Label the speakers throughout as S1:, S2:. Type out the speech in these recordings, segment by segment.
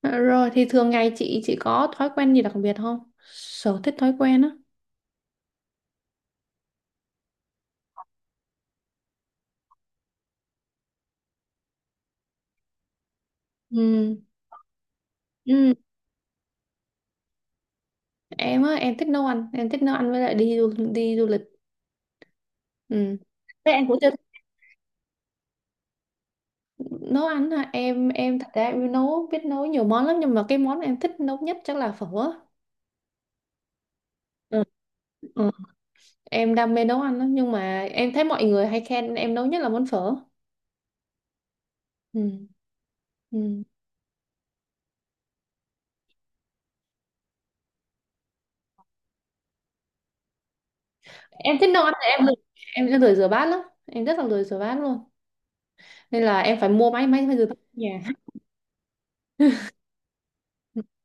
S1: Ờ, rồi thì thường ngày chị có thói quen gì đặc biệt không? Sở thích, thói quen á. Ừ. Ừ. Em á, em thích nấu ăn, với lại đi du lịch. Ừ. Thế em cũng chưa thích nấu ăn hả? Em thật ra em biết nấu nhiều món lắm, nhưng mà cái món em thích nấu nhất chắc là phở á. Ừ. Ừ. Em đam mê nấu ăn lắm nhưng mà em thấy mọi người hay khen em nấu nhất là món phở. Ừ. Ừ. Em thích nấu ăn thì em lười rửa bát lắm. Em rất là lười rửa bát luôn. Nên là em phải mua máy máy rửa bát ở nhà.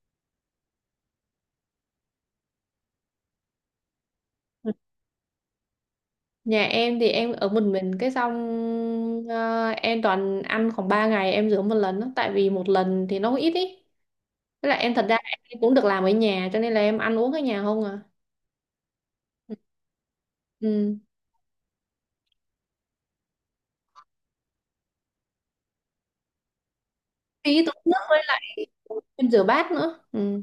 S1: Nhà em thì em ở một mình, cái xong em toàn ăn khoảng 3 ngày em rửa một lần đó, tại vì một lần thì nó cũng ít ý. Với lại em thật ra em cũng được làm ở nhà, cho nên là em ăn uống ở nhà không à. Ừ. Phí tốn nước với lại em rửa bát nữa. Ừ.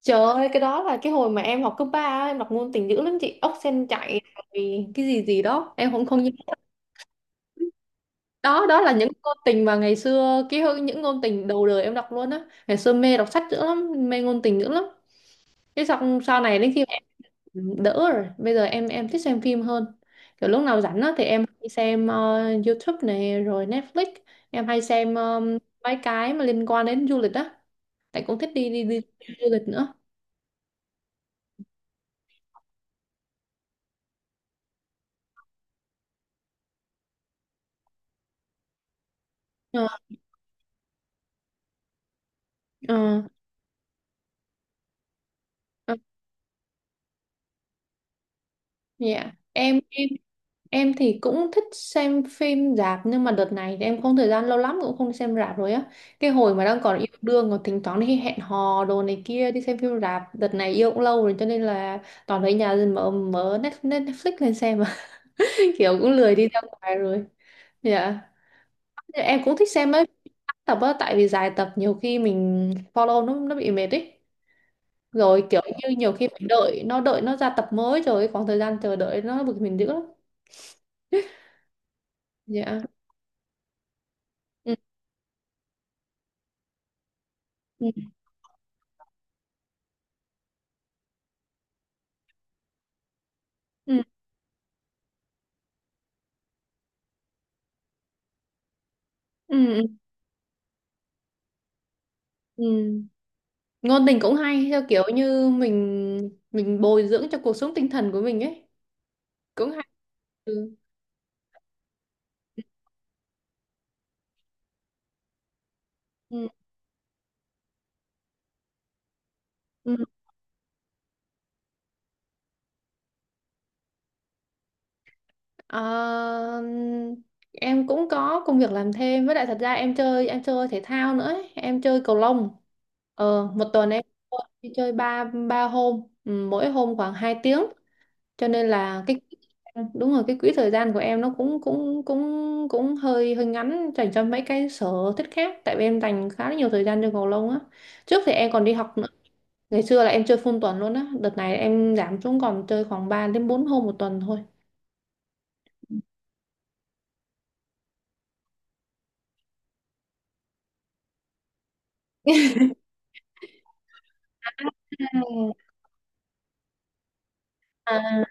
S1: Trời ơi, cái đó là cái hồi mà em học cấp 3 á, em đọc ngôn tình dữ lắm chị, ốc sen chạy rồi cái gì gì đó, em không không nhớ. Đó đó là những ngôn tình mà ngày xưa, những ngôn tình đầu đời em đọc luôn á. Ngày xưa mê đọc sách dữ lắm, mê ngôn tình dữ lắm, cái xong sau này đến khi mà em đỡ rồi, bây giờ em thích xem phim hơn. Kiểu lúc nào rảnh á thì em hay xem YouTube này rồi Netflix. Em hay xem mấy cái mà liên quan đến du lịch á, tại cũng thích đi đi đi du lịch nữa. Ờ, ờ, ờ, dạ. Em thì cũng thích xem phim rạp nhưng mà đợt này thì em không thời gian lâu lắm cũng không đi xem rạp rồi á. Cái hồi mà đang còn yêu đương còn thỉnh thoảng đi hẹn hò đồ này kia, đi xem phim rạp. Đợt này yêu cũng lâu rồi cho nên là toàn ở nhà mở mở Net- Net- Netflix lên xem mà kiểu cũng lười đi ra ngoài rồi. Dạ. Em cũng thích xem mấy tập á, tại vì dài tập nhiều khi mình follow nó bị mệt ấy. Rồi kiểu như nhiều khi phải đợi nó ra tập mới rồi khoảng thời gian chờ đợi nó bực mình dữ lắm. Dạ. Ừ. Ừ. Ừ. Ừ, ừ, ừ. Ngôn tình cũng hay, theo kiểu như mình bồi dưỡng cho cuộc sống tinh thần của mình ấy, cũng hay. Ừ, ừ, ừ. Ờ, em cũng có công việc làm thêm, với lại thật ra em chơi thể thao nữa ấy. Em chơi cầu lông, một tuần em đi chơi ba ba hôm, ừ, mỗi hôm khoảng 2 tiếng, cho nên là cái, đúng rồi, cái quỹ thời gian của em nó cũng cũng cũng cũng hơi hơi ngắn dành cho mấy cái sở thích khác, tại vì em dành khá là nhiều thời gian cho cầu lông á. Trước thì em còn đi học nữa. Ngày xưa là em chơi full tuần luôn á, đợt này em giảm xuống còn chơi khoảng 3 đến 4 hôm một tuần thôi. Ừ. À,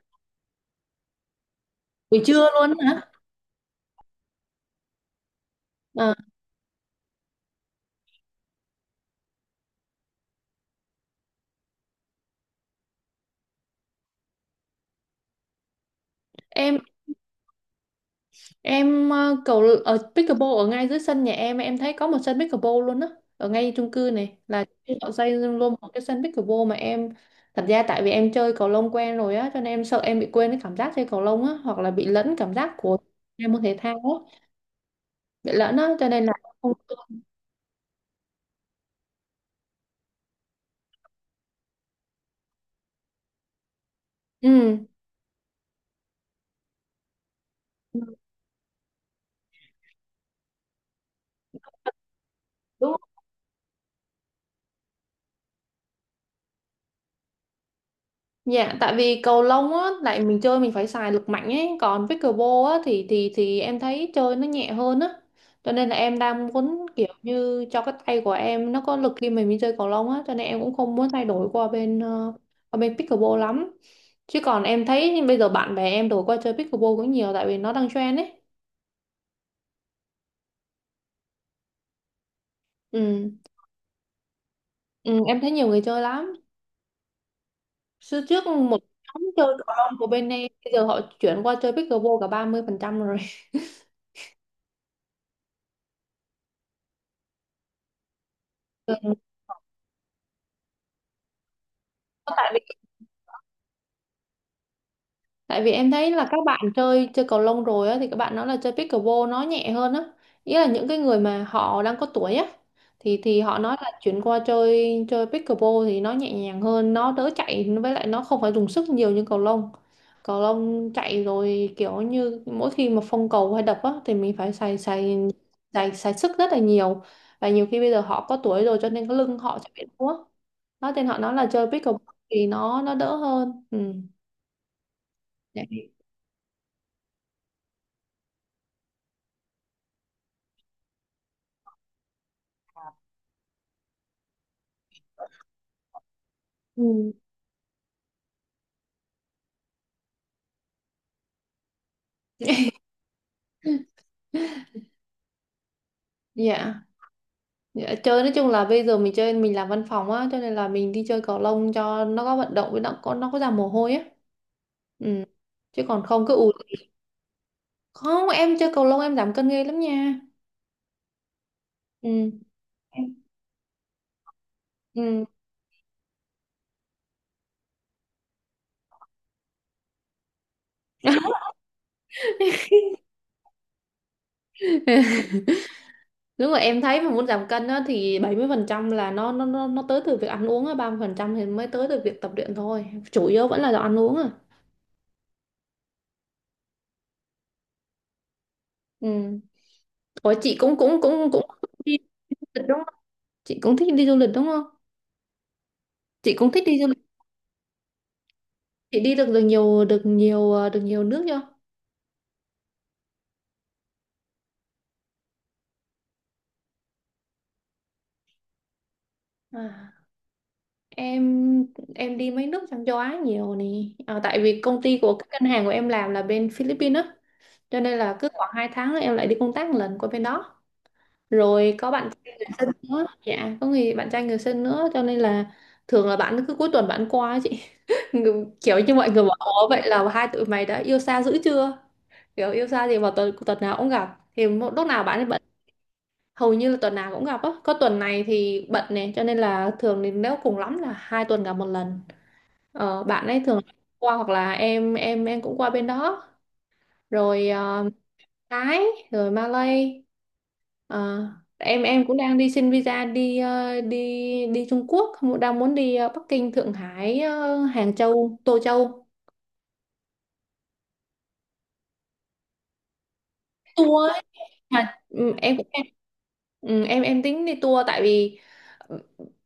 S1: buổi trưa luôn hả? Ờ, em em ờ, cầu ở pickleball, ở ngay dưới sân nhà em thấy có một sân pickleball luôn á, ở ngay chung cư này là họ xây luôn một cái sân pickleball mà em, thật ra tại vì em chơi cầu lông quen rồi á, cho nên em sợ em bị quên cái cảm giác chơi cầu lông á, hoặc là bị lẫn cảm giác của em môn thể thao á, bị lẫn á, cho nên là không. Ừ. Đúng. Dạ, tại vì cầu lông á, lại mình chơi mình phải xài lực mạnh ấy, còn pickleball á, thì em thấy chơi nó nhẹ hơn á. Cho nên là em đang muốn kiểu như cho cái tay của em nó có lực khi mình đi chơi cầu lông á, cho nên em cũng không muốn thay đổi qua bên qua bên pickleball lắm. Chứ còn em thấy bây giờ bạn bè em đổi qua chơi pickleball cũng nhiều, tại vì nó đang trend ấy. Ừ. Ừ, em thấy nhiều người chơi lắm. Xưa trước một nhóm chơi cầu lông của bên em, bây giờ họ chuyển qua chơi pickleball cả 30% rồi. Ừ. Tại Tại vì em thấy là các bạn chơi chơi cầu lông rồi á, thì các bạn nói là chơi pickleball nó nhẹ hơn á. Ý là những cái người mà họ đang có tuổi á, thì họ nói là chuyển qua chơi chơi pickleball thì nó nhẹ nhàng hơn, nó đỡ chạy, với lại nó không phải dùng sức nhiều như cầu lông. Cầu lông chạy rồi kiểu như mỗi khi mà phong cầu hay đập á thì mình phải xài xài xài xài sức rất là nhiều, và nhiều khi bây giờ họ có tuổi rồi, cho nên cái lưng họ sẽ bị đau á. Đó nên họ nói là chơi pickleball thì nó đỡ hơn. Ừ. Dạ. Ừ. Dạ, dạ, chơi nói chung là bây giờ mình chơi, mình làm văn phòng á, cho nên là mình đi chơi cầu lông cho nó có vận động, với nó có ra mồ hôi á. Ừ. Chứ còn không cứ không, em chơi cầu lông em giảm cân ghê lắm nha. Ừ. Ừ. Đúng rồi, em thấy mà muốn giảm cân á thì 70% là nó tới từ việc ăn uống á, 30% thì mới tới từ việc tập luyện thôi. Chủ yếu vẫn là do ăn uống à. Ừ. Ủa chị cũng cũng cũng cũng đi du lịch đúng không? Chị cũng thích đi du lịch đúng không? Chị cũng thích đi du Chị đi được được nhiều, được nhiều nước chưa? À. Em em đi mấy nước trong châu Á nhiều nè. Tại vì công ty của cái ngân hàng của em làm là bên Philippines á, cho nên là cứ khoảng 2 tháng là em lại đi công tác một lần qua bên đó. Rồi có bạn trai người sinh nữa, dạ, có người bạn trai người sinh nữa, cho nên là thường là bạn cứ cuối tuần bạn qua á chị. Kiểu như mọi người bảo "Ủa, vậy là hai tụi mày đã yêu xa dữ chưa?" Kiểu yêu xa thì vào tuần tuần nào cũng gặp. Thì một lúc nào bạn, hầu như là tuần nào cũng gặp á, có tuần này thì bận này, cho nên là thường thì nếu cùng lắm là 2 tuần gặp một lần. Bạn ấy thường qua, hoặc là em cũng qua bên đó rồi. Ờ, Thái, rồi Malay. Ờ, em cũng đang đi xin visa đi ờ, đi đi Trung Quốc, đang muốn đi Bắc Kinh, Thượng Hải, Hàng Châu, Tô Châu. Tour. Mà, ừ, em cũng ừ, em tính đi tour, tại vì ừ,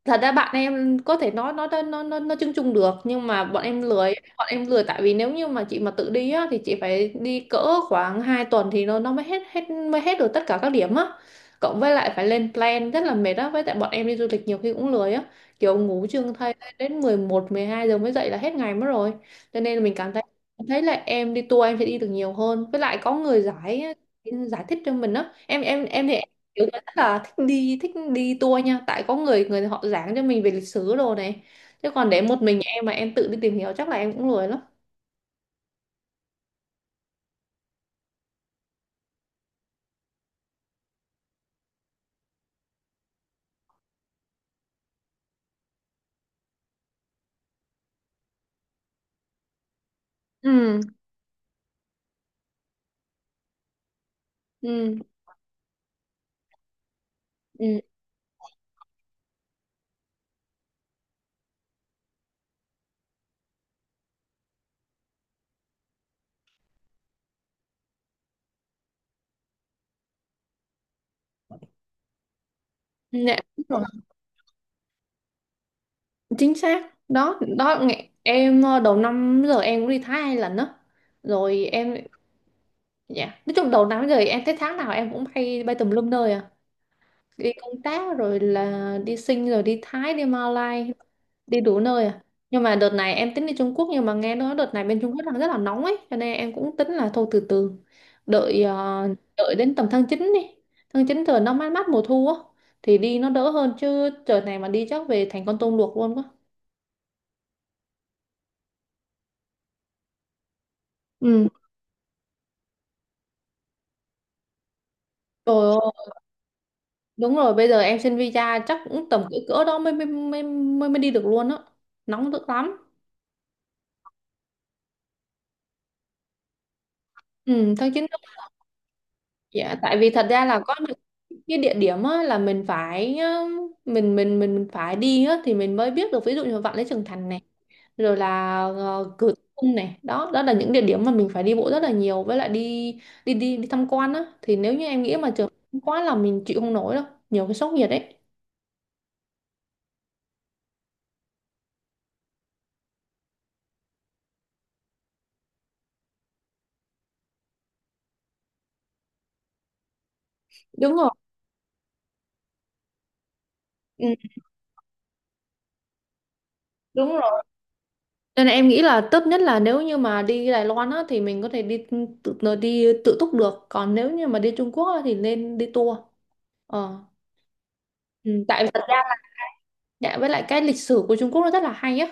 S1: thật ra bạn em có thể nói nó chung chung được, nhưng mà bọn em lười, tại vì nếu như mà chị mà tự đi á, thì chị phải đi cỡ khoảng 2 tuần thì nó mới hết hết mới hết được tất cả các điểm á, cộng với lại phải lên plan rất là mệt á, với tại bọn em đi du lịch nhiều khi cũng lười á, kiểu ngủ trương thay đến 11, 12 giờ mới dậy là hết ngày mất rồi, cho nên là mình cảm thấy thấy là em đi tour em sẽ đi được nhiều hơn, với lại có người giải giải thích cho mình á. Thì em kiểu người rất là thích đi tour nha, tại có người người họ giảng cho mình về lịch sử đồ này, chứ còn để một mình em mà em tự đi tìm hiểu chắc là em cũng lười lắm. Ừ, ừ, ừ. Dạ, đúng rồi. Chính xác. Đó đó nghe- em ờ, Đầu năm giờ em cũng đi Thái 2 lần đó, rồi em, dạ, nói chung đầu năm giờ em thấy tháng nào em cũng bay bay tùm lum nơi à, đi công tác rồi là đi Sing, rồi đi Thái, đi Malai, đi đủ nơi à. Nhưng mà đợt này em tính đi Trung Quốc, nhưng mà nghe nói đợt này bên Trung Quốc đang rất là nóng ấy, cho nên em cũng tính là thôi từ từ, đợi đợi đến tầm tháng 9 đi, tháng 9 trời nó mát mát mùa thu á, thì đi nó đỡ hơn, chứ trời này mà đi chắc về thành con tôm luộc luôn quá. Ừ. Trời ơi, đúng rồi, bây giờ em xin visa chắc cũng tầm cỡ cỡ đó mới mới mới mới, mới đi được luôn á, nóng dữ lắm. Ừ, tháng 9. Dạ, tại vì thật ra là có những cái địa điểm á, là mình phải mình phải đi á thì mình mới biết được, ví dụ như Vạn Lý Trường Thành này, rồi là Cửa Cung này, đó đó là những địa điểm mà mình phải đi bộ rất là nhiều, với lại đi đi đi đi tham quan á, thì nếu như em nghĩ mà trường quá là mình chịu không nổi đâu, nhiều cái sốc nhiệt ấy. Đúng rồi. Ừ, đúng rồi, nên là em nghĩ là tốt nhất là nếu như mà đi Đài Loan á thì mình có thể đi tự tự- đi tự túc được, còn nếu như mà đi Trung Quốc á, thì nên đi tour. Ờ. Ừ, tại thật ra, dạ, với lại cái lịch sử của Trung Quốc nó rất là hay á,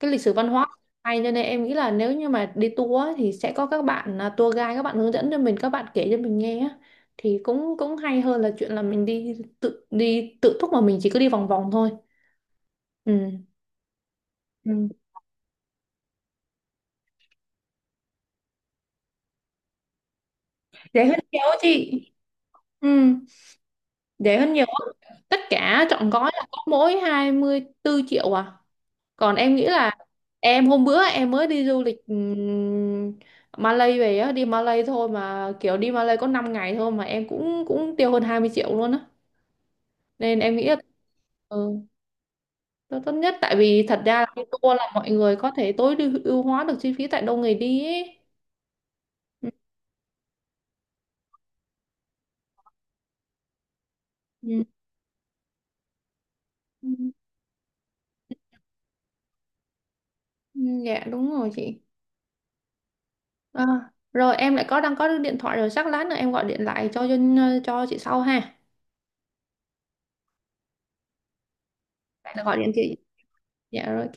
S1: cái lịch sử văn hóa hay, cho nên em nghĩ là nếu như mà đi tour á, thì sẽ có các bạn à, tour guide các bạn hướng dẫn cho mình, các bạn kể cho mình nghe á, thì cũng cũng hay hơn là chuyện là mình đi tự túc mà mình chỉ cứ đi vòng vòng thôi. Ừ. Ừ. Rẻ hơn nhiều á chị. Ừ. Rẻ hơn nhiều á. Tất cả trọn gói là có mỗi 24 triệu à, còn em nghĩ là em, hôm bữa em mới đi du lịch Malay về á, đi Malay thôi mà kiểu đi Malay có 5 ngày thôi mà em cũng cũng tiêu hơn 20 triệu luôn á. Nên em nghĩ là, ừ, nó tốt nhất, tại vì thật ra là cái tour là mọi người có thể tối ưu ưu hóa được chi phí, tại đâu người đi ấy. Ừ, ừ, ừ, ừ, dạ, đúng rồi chị. À, rồi em lại đang có được điện thoại rồi, chắc lát nữa em gọi điện lại cho cho chị sau ha. Lại là gọi điện chị. Dạ rồi.